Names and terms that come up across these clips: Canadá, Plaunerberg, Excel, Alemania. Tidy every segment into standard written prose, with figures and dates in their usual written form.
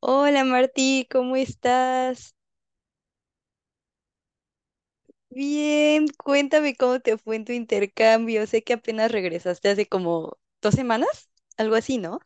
Hola Martí, ¿cómo estás? Bien, cuéntame cómo te fue en tu intercambio. Sé que apenas regresaste hace como 2 semanas, algo así, ¿no?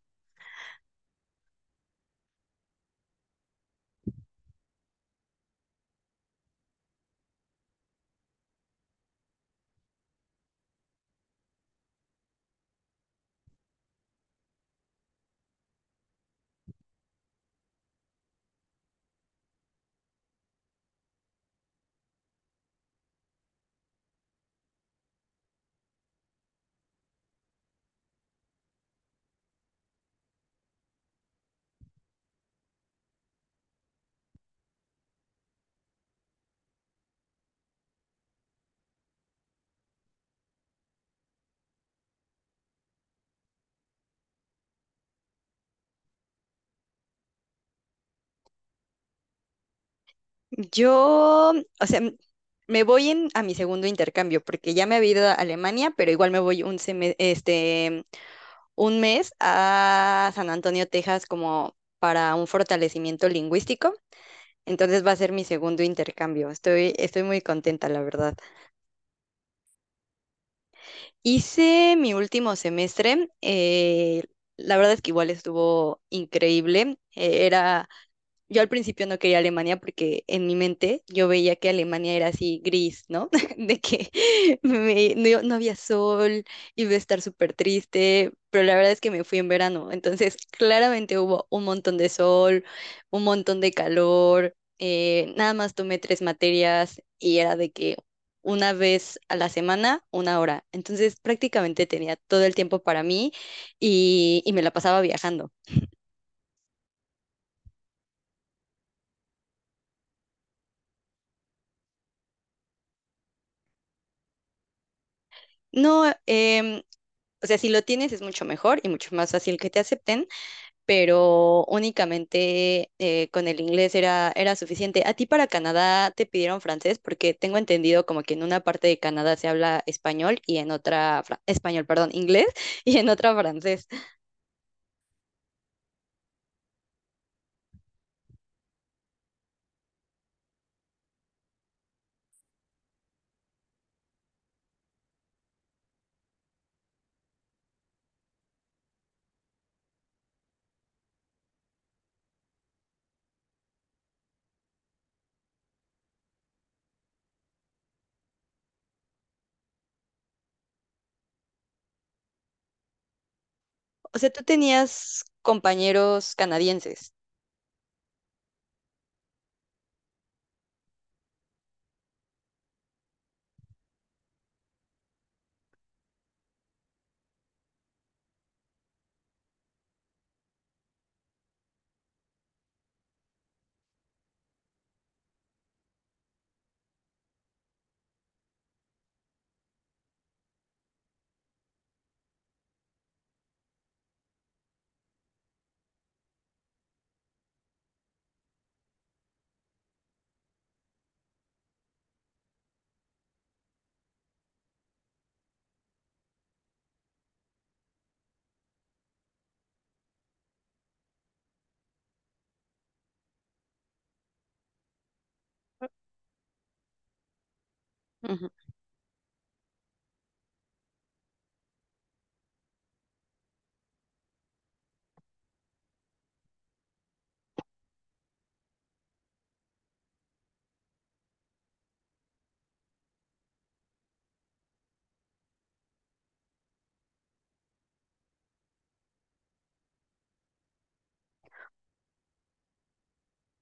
Yo, o sea, me voy a mi segundo intercambio porque ya me había ido a Alemania, pero igual me voy este, un mes a San Antonio, Texas, como para un fortalecimiento lingüístico. Entonces va a ser mi segundo intercambio. Estoy muy contenta, la verdad. Hice mi último semestre. La verdad es que igual estuvo increíble. Yo al principio no quería Alemania porque en mi mente yo veía que Alemania era así gris, ¿no? De que no, no había sol, iba a estar súper triste, pero la verdad es que me fui en verano. Entonces, claramente hubo un montón de sol, un montón de calor. Nada más tomé tres materias y era de que una vez a la semana, una hora. Entonces prácticamente tenía todo el tiempo para mí y me la pasaba viajando. No, o sea, si lo tienes es mucho mejor y mucho más fácil que te acepten, pero únicamente con el inglés era suficiente. ¿A ti para Canadá te pidieron francés? Porque tengo entendido como que en una parte de Canadá se habla español y en otra, español, perdón, inglés y en otra francés. O sea, tú tenías compañeros canadienses.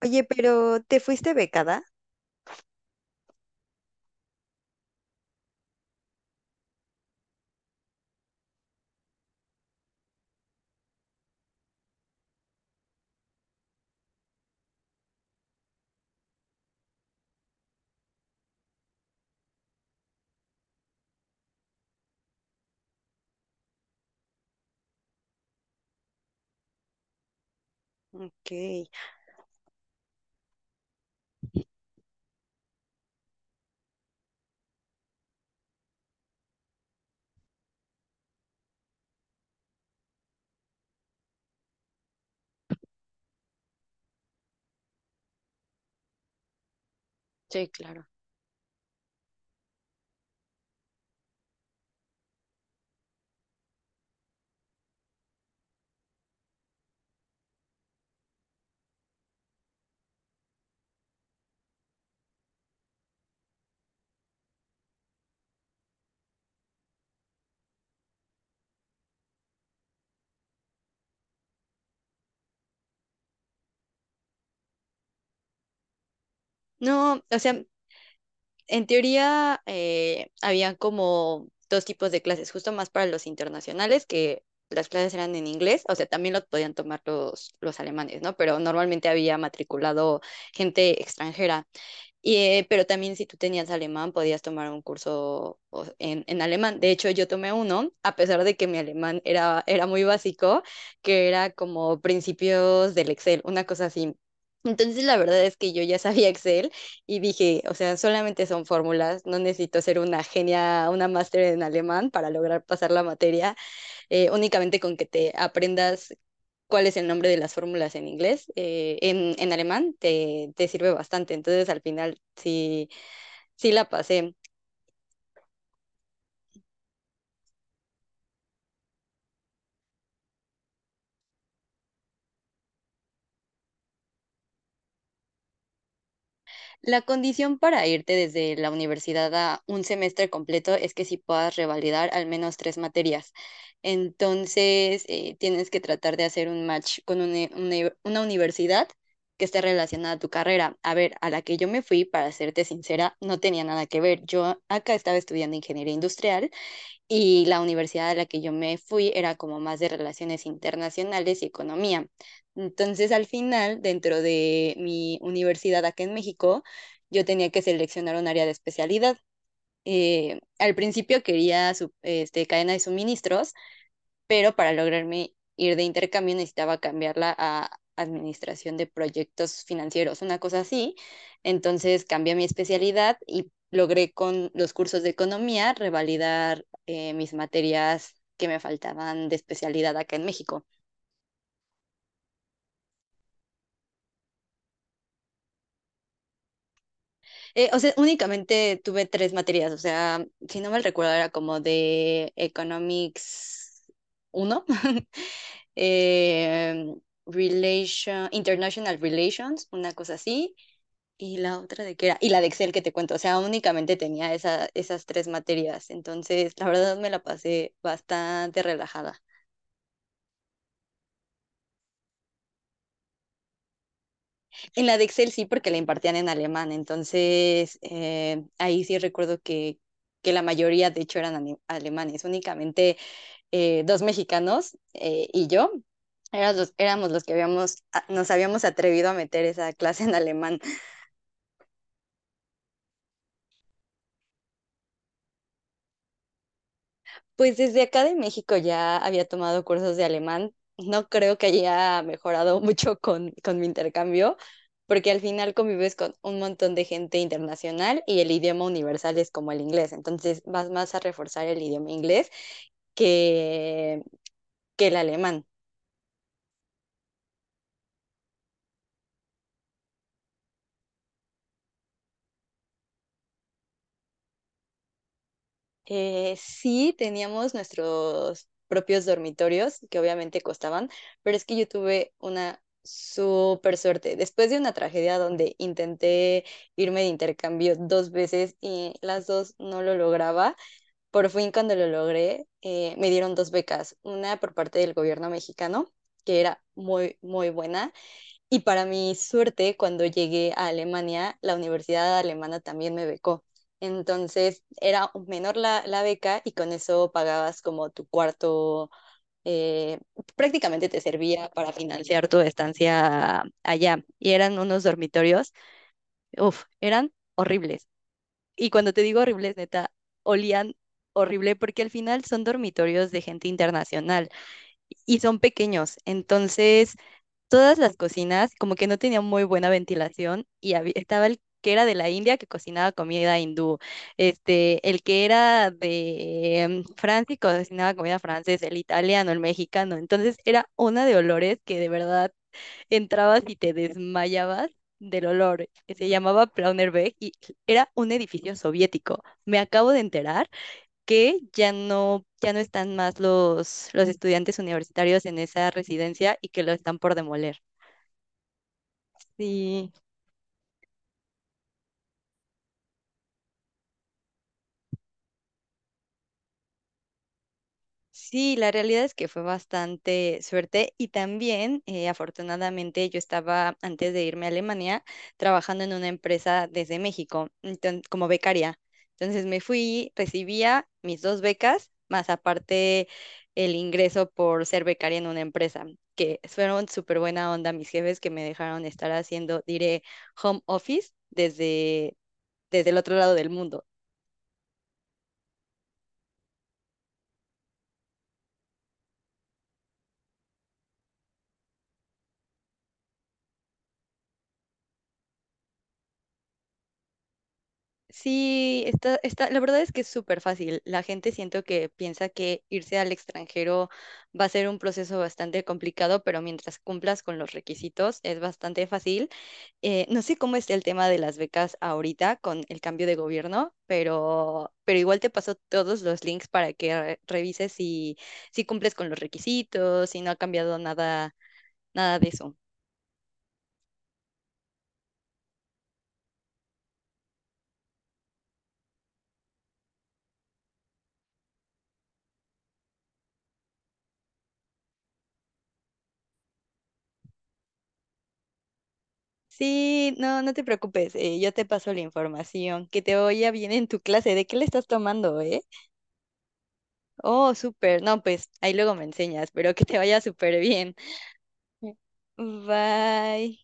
Oye, pero ¿te fuiste becada? Ok, sí, claro. No, o sea, en teoría había como dos tipos de clases, justo más para los internacionales, que las clases eran en inglés, o sea, también lo podían tomar los alemanes, ¿no? Pero normalmente había matriculado gente extranjera. Y, pero también si tú tenías alemán, podías tomar un curso en alemán. De hecho, yo tomé uno, a pesar de que mi alemán era muy básico, que era como principios del Excel, una cosa así. Entonces, la verdad es que yo ya sabía Excel y dije, o sea, solamente son fórmulas, no necesito ser una genia, una máster en alemán para lograr pasar la materia, únicamente con que te aprendas cuál es el nombre de las fórmulas en inglés, en alemán te sirve bastante. Entonces al final sí, sí la pasé. La condición para irte desde la universidad a un semestre completo es que sí puedas revalidar al menos tres materias. Entonces tienes que tratar de hacer un match con una universidad que esté relacionada a tu carrera. A ver, a la que yo me fui, para serte sincera, no tenía nada que ver. Yo acá estaba estudiando ingeniería industrial. Y la universidad a la que yo me fui era como más de relaciones internacionales y economía. Entonces, al final, dentro de mi universidad acá en México, yo tenía que seleccionar un área de especialidad. Al principio quería este, cadena de suministros, pero para lograrme ir de intercambio necesitaba cambiarla a administración de proyectos financieros, una cosa así. Entonces cambié mi especialidad y logré con los cursos de economía revalidar mis materias que me faltaban de especialidad acá en México. O sea, únicamente tuve tres materias, o sea, si no mal recuerdo, era como de Economics uno, eh, Relation, International Relations, una cosa así. Y la otra de qué era, y la de Excel que te cuento, o sea, únicamente tenía esa, esas tres materias, entonces la verdad me la pasé bastante relajada. En la de Excel sí, porque la impartían en alemán, entonces ahí sí recuerdo que la mayoría de hecho eran alemanes, únicamente dos mexicanos y yo, éramos los que habíamos, nos habíamos atrevido a meter esa clase en alemán. Pues desde acá de México ya había tomado cursos de alemán. No creo que haya mejorado mucho con mi intercambio, porque al final convives con un montón de gente internacional y el idioma universal es como el inglés. Entonces vas más a reforzar el idioma inglés que, que el alemán. Sí, teníamos nuestros propios dormitorios, que obviamente costaban, pero es que yo tuve una súper suerte. Después de una tragedia donde intenté irme de intercambio dos veces y las dos no lo lograba, por fin cuando lo logré, me dieron dos becas, una por parte del gobierno mexicano, que era muy, muy buena. Y para mi suerte, cuando llegué a Alemania, la universidad alemana también me becó. Entonces era menor la beca y con eso pagabas como tu cuarto, eh, prácticamente te servía para financiar tu estancia allá. Y eran unos dormitorios, uff, eran horribles. Y cuando te digo horribles, neta, olían horrible porque al final son dormitorios de gente internacional y son pequeños. Entonces todas las cocinas como que no tenían muy buena ventilación y estaba el que era de la India que cocinaba comida hindú, este, el que era de Francia y cocinaba comida francesa, el italiano, el mexicano. Entonces era una de olores que de verdad entrabas y te desmayabas del olor, que se llamaba Plaunerberg y era un edificio soviético. Me acabo de enterar que ya no, ya no están más los estudiantes universitarios en esa residencia y que lo están por demoler. Sí, sí, la realidad es que fue bastante suerte y también afortunadamente yo estaba antes de irme a Alemania trabajando en una empresa desde México, como becaria. Entonces me fui, recibía mis dos becas, más aparte el ingreso por ser becaria en una empresa, que fueron súper buena onda mis jefes que me dejaron estar haciendo, diré, home office desde el otro lado del mundo. Sí, está, la verdad es que es súper fácil. La gente siento que piensa que irse al extranjero va a ser un proceso bastante complicado, pero mientras cumplas con los requisitos es bastante fácil. No sé cómo está el tema de las becas ahorita con el cambio de gobierno, pero igual te paso todos los links para que revises si cumples con los requisitos, si no ha cambiado nada, nada de eso. Sí, no, no te preocupes, yo te paso la información, que te vaya bien en tu clase, ¿de qué le estás tomando, eh? Oh, súper, no, pues ahí luego me enseñas, pero que te vaya súper bien. Bye.